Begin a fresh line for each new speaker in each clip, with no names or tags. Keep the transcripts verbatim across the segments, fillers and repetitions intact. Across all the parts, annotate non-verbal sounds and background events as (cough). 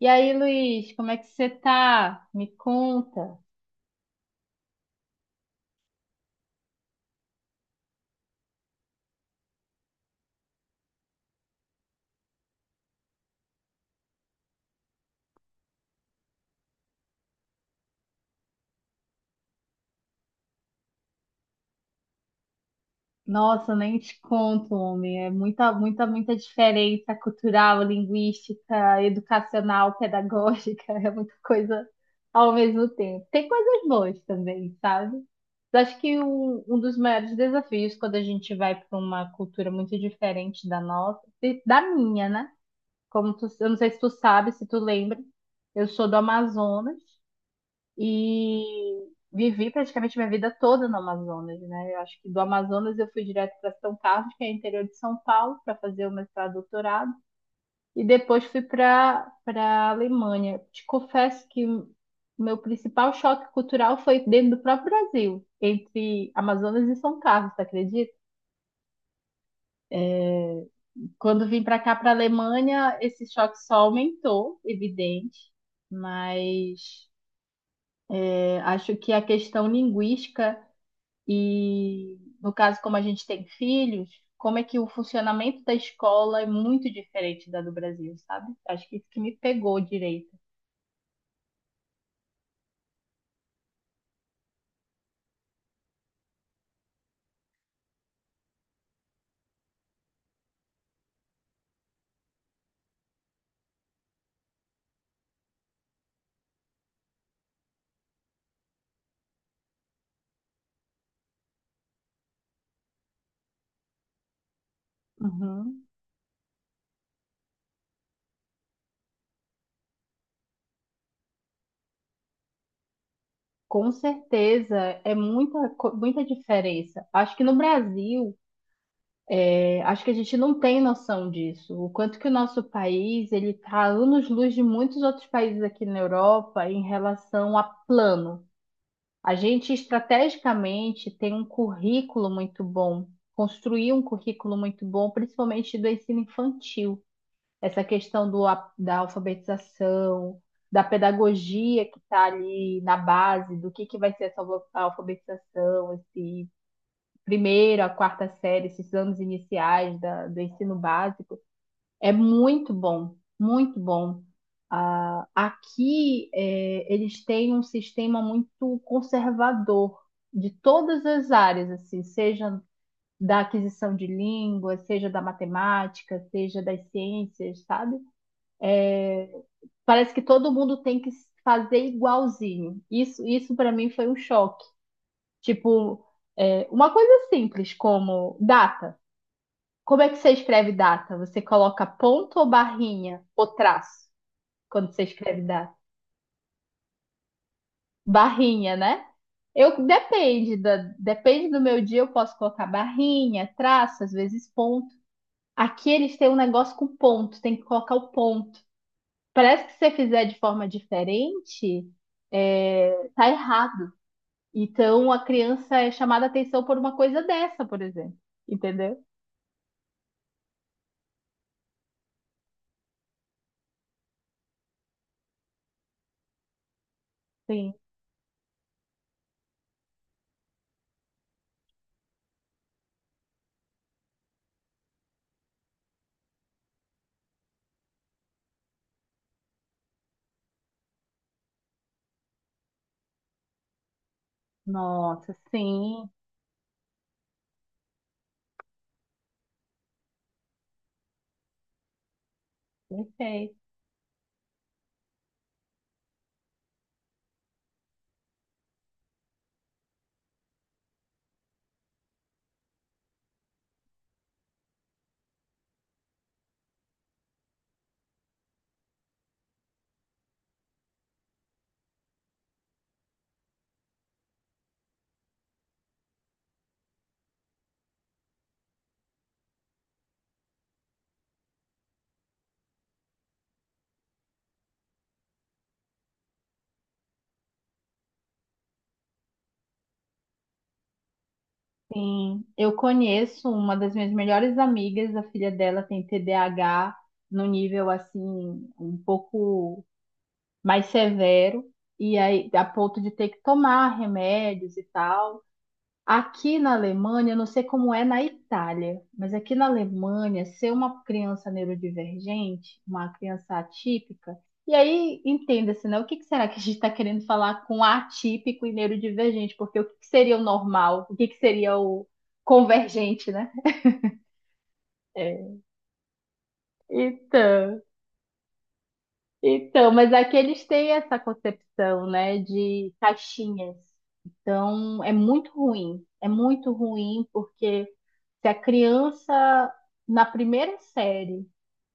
E aí, Luiz, como é que você tá? Me conta. Nossa, nem te conto, homem. É muita, muita, muita diferença cultural, linguística, educacional, pedagógica. (laughs) É muita coisa ao mesmo tempo. Tem coisas boas também, sabe? Mas acho que um, um dos maiores desafios quando a gente vai para uma cultura muito diferente da nossa, e da minha, né? Como tu, eu não sei se tu sabe, se tu lembra, eu sou do Amazonas, e vivi praticamente minha vida toda no Amazonas, né? Eu acho que do Amazonas eu fui direto para São Carlos, que é interior de São Paulo, para fazer o mestrado e doutorado, e depois fui para para Alemanha. Te confesso que o meu principal choque cultural foi dentro do próprio Brasil, entre Amazonas e São Carlos, tu acredita? É, Quando vim para cá, para Alemanha, esse choque só aumentou, evidente, mas é, acho que a questão linguística. E no caso, como a gente tem filhos, como é que o funcionamento da escola é muito diferente da do Brasil, sabe? Acho que isso que me pegou direito. Uhum. Com certeza, é muita, co- muita diferença. Acho que no Brasil, é, acho que a gente não tem noção disso. O quanto que o nosso país, ele está anos-luz de muitos outros países aqui na Europa em relação a plano. A gente estrategicamente tem um currículo muito bom, construir um currículo muito bom, principalmente do ensino infantil. Essa questão do, a- da alfabetização, da pedagogia que está ali na base, do que, que vai ser essa alfa- alfabetização, esse primeiro, a quarta série, esses anos iniciais da- do ensino básico. É muito bom, muito bom. Ah, aqui é, eles têm um sistema muito conservador de todas as áreas, assim, seja da aquisição de línguas, seja da matemática, seja das ciências, sabe? Parece que todo mundo tem que fazer igualzinho. Isso, isso para mim foi um choque. Tipo, é, uma coisa simples como data. Como é que você escreve data? Você coloca ponto ou barrinha ou traço? Quando você escreve da barrinha, né? Eu depende da, depende do meu dia, eu posso colocar barrinha, traço, às vezes ponto. Aqui eles têm um negócio com ponto, tem que colocar o ponto. Parece que se você fizer de forma diferente, é, tá errado. Então a criança é chamada a atenção por uma coisa dessa, por exemplo. Entendeu? Sim. Nossa, sim, perfeito. Sim, eu conheço uma das minhas melhores amigas, a filha dela tem T D A H no nível assim um pouco mais severo, e aí a ponto de ter que tomar remédios e tal. Aqui na Alemanha, eu não sei como é na Itália, mas aqui na Alemanha, ser uma criança neurodivergente, uma criança atípica, e aí entenda-se, né? O que que será que a gente está querendo falar com atípico e neurodivergente? Porque o que que seria o normal? O que que seria o convergente, né? É, Então, então, mas aqui eles têm essa concepção, né, de caixinhas. Então, é muito ruim. É muito ruim porque se a criança, na primeira série,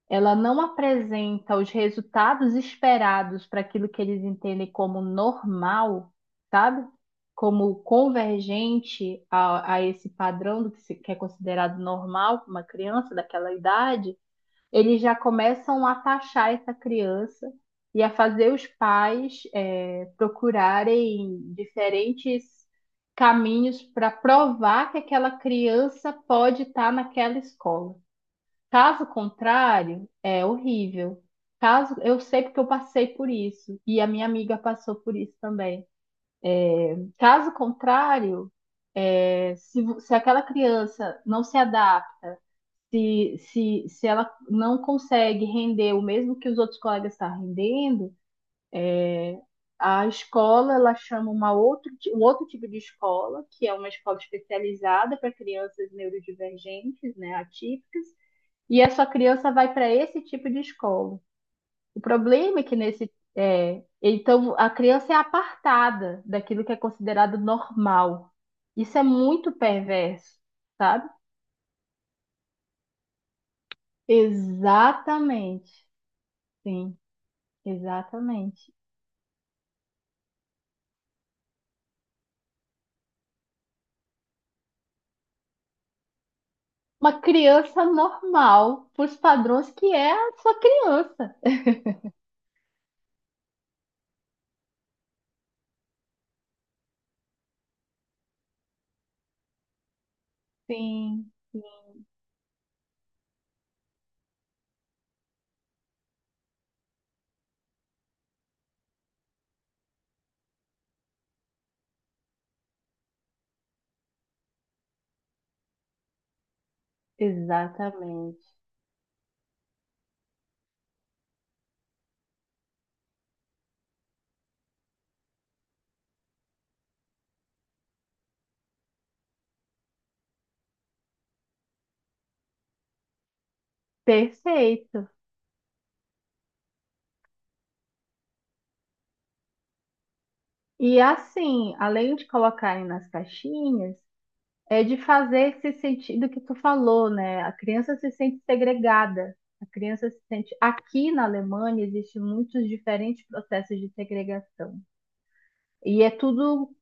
ela não apresenta os resultados esperados para aquilo que eles entendem como normal, sabe? Como convergente a, a esse padrão do que, se, que é considerado normal para uma criança daquela idade, eles já começam a taxar essa criança e a fazer os pais é, procurarem diferentes caminhos para provar que aquela criança pode estar naquela escola. Caso contrário, é horrível. Caso eu sei porque eu passei por isso e a minha amiga passou por isso também. Caso contrário, é, se, vo- se aquela criança não se adapta, se, se, se ela não consegue render o mesmo que os outros colegas estão rendendo, a escola ela chama uma outro, ti- um outro tipo de escola, que é uma escola especializada para crianças neurodivergentes, né, atípicas, e essa criança vai para esse tipo de escola. O problema é que nesse é, então a criança é apartada daquilo que é considerado normal. Isso é muito perverso, sabe? Exatamente. Sim, exatamente. Uma criança normal, para os padrões que é a sua criança. Sim, sim, exatamente. Perfeito. E assim, além de colocarem nas caixinhas, é de fazer esse sentido que tu falou, né? A criança se sente segregada. A criança se sente. Aqui na Alemanha existem muitos diferentes processos de segregação. E é tudo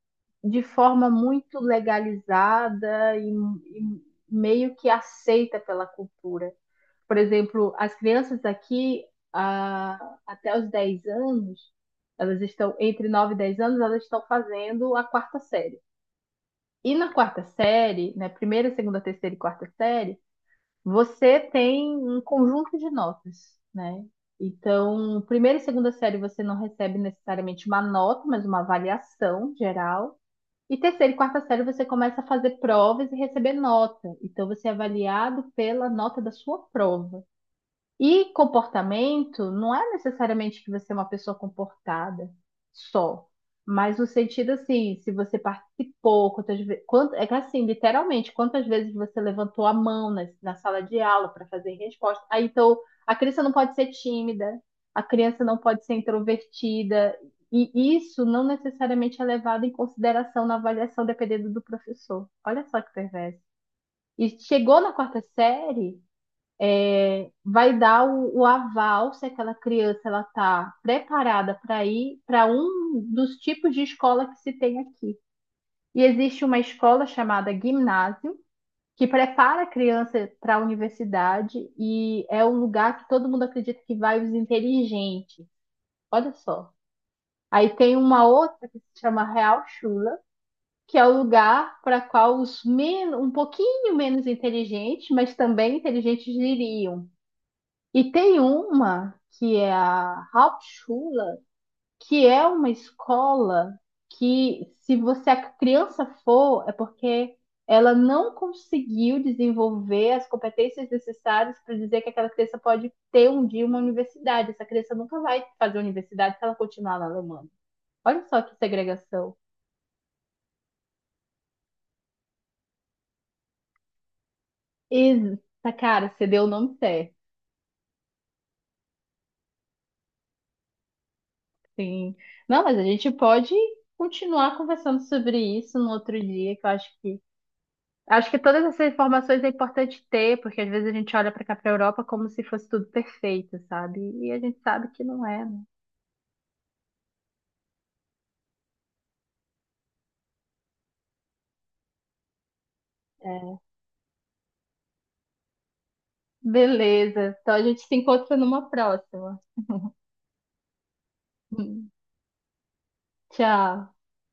de forma muito legalizada e, e meio que aceita pela cultura. Por exemplo, as crianças aqui, ah, até os dez anos, elas estão entre nove e dez anos, elas estão fazendo a quarta série. E na quarta série, né, primeira, segunda, terceira e quarta série, você tem um conjunto de notas, né? Então, primeira e segunda série você não recebe necessariamente uma nota, mas uma avaliação geral. E terceira e quarta série você começa a fazer provas e receber nota. Então, você é avaliado pela nota da sua prova. E comportamento não é necessariamente que você é uma pessoa comportada só, mas no sentido assim, se você participou, quantas vezes, é que assim, literalmente, quantas vezes você levantou a mão na, na sala de aula para fazer resposta. Aí, então, a criança não pode ser tímida, a criança não pode ser introvertida, e isso não necessariamente é levado em consideração na avaliação, dependendo do professor. Olha só que perverso. E chegou na quarta série, vai dar o, o aval se aquela criança ela está preparada para ir para um dos tipos de escola que se tem aqui. E existe uma escola chamada Ginásio, que prepara a criança para a universidade e é um lugar que todo mundo acredita que vai os inteligentes. Olha só. Aí tem uma outra que se chama Real Chula, que é o lugar para qual os menos, um pouquinho menos inteligentes, mas também inteligentes iriam. E tem uma que é a Hauptschule, que é uma escola que, se você a criança for, é porque ela não conseguiu desenvolver as competências necessárias para dizer que aquela criança pode ter um dia uma universidade. Essa criança nunca vai fazer universidade se ela continuar na Alemanha. Olha só que segregação. Eita, cara, você deu o nome certo. Sim. Não, mas a gente pode continuar conversando sobre isso no outro dia, que eu acho que acho que todas essas informações é importante ter, porque às vezes a gente olha para cá, para Europa, como se fosse tudo perfeito, sabe? E a gente sabe que não é, né? É. Beleza. Então a gente se encontra numa próxima. (laughs) Tchau.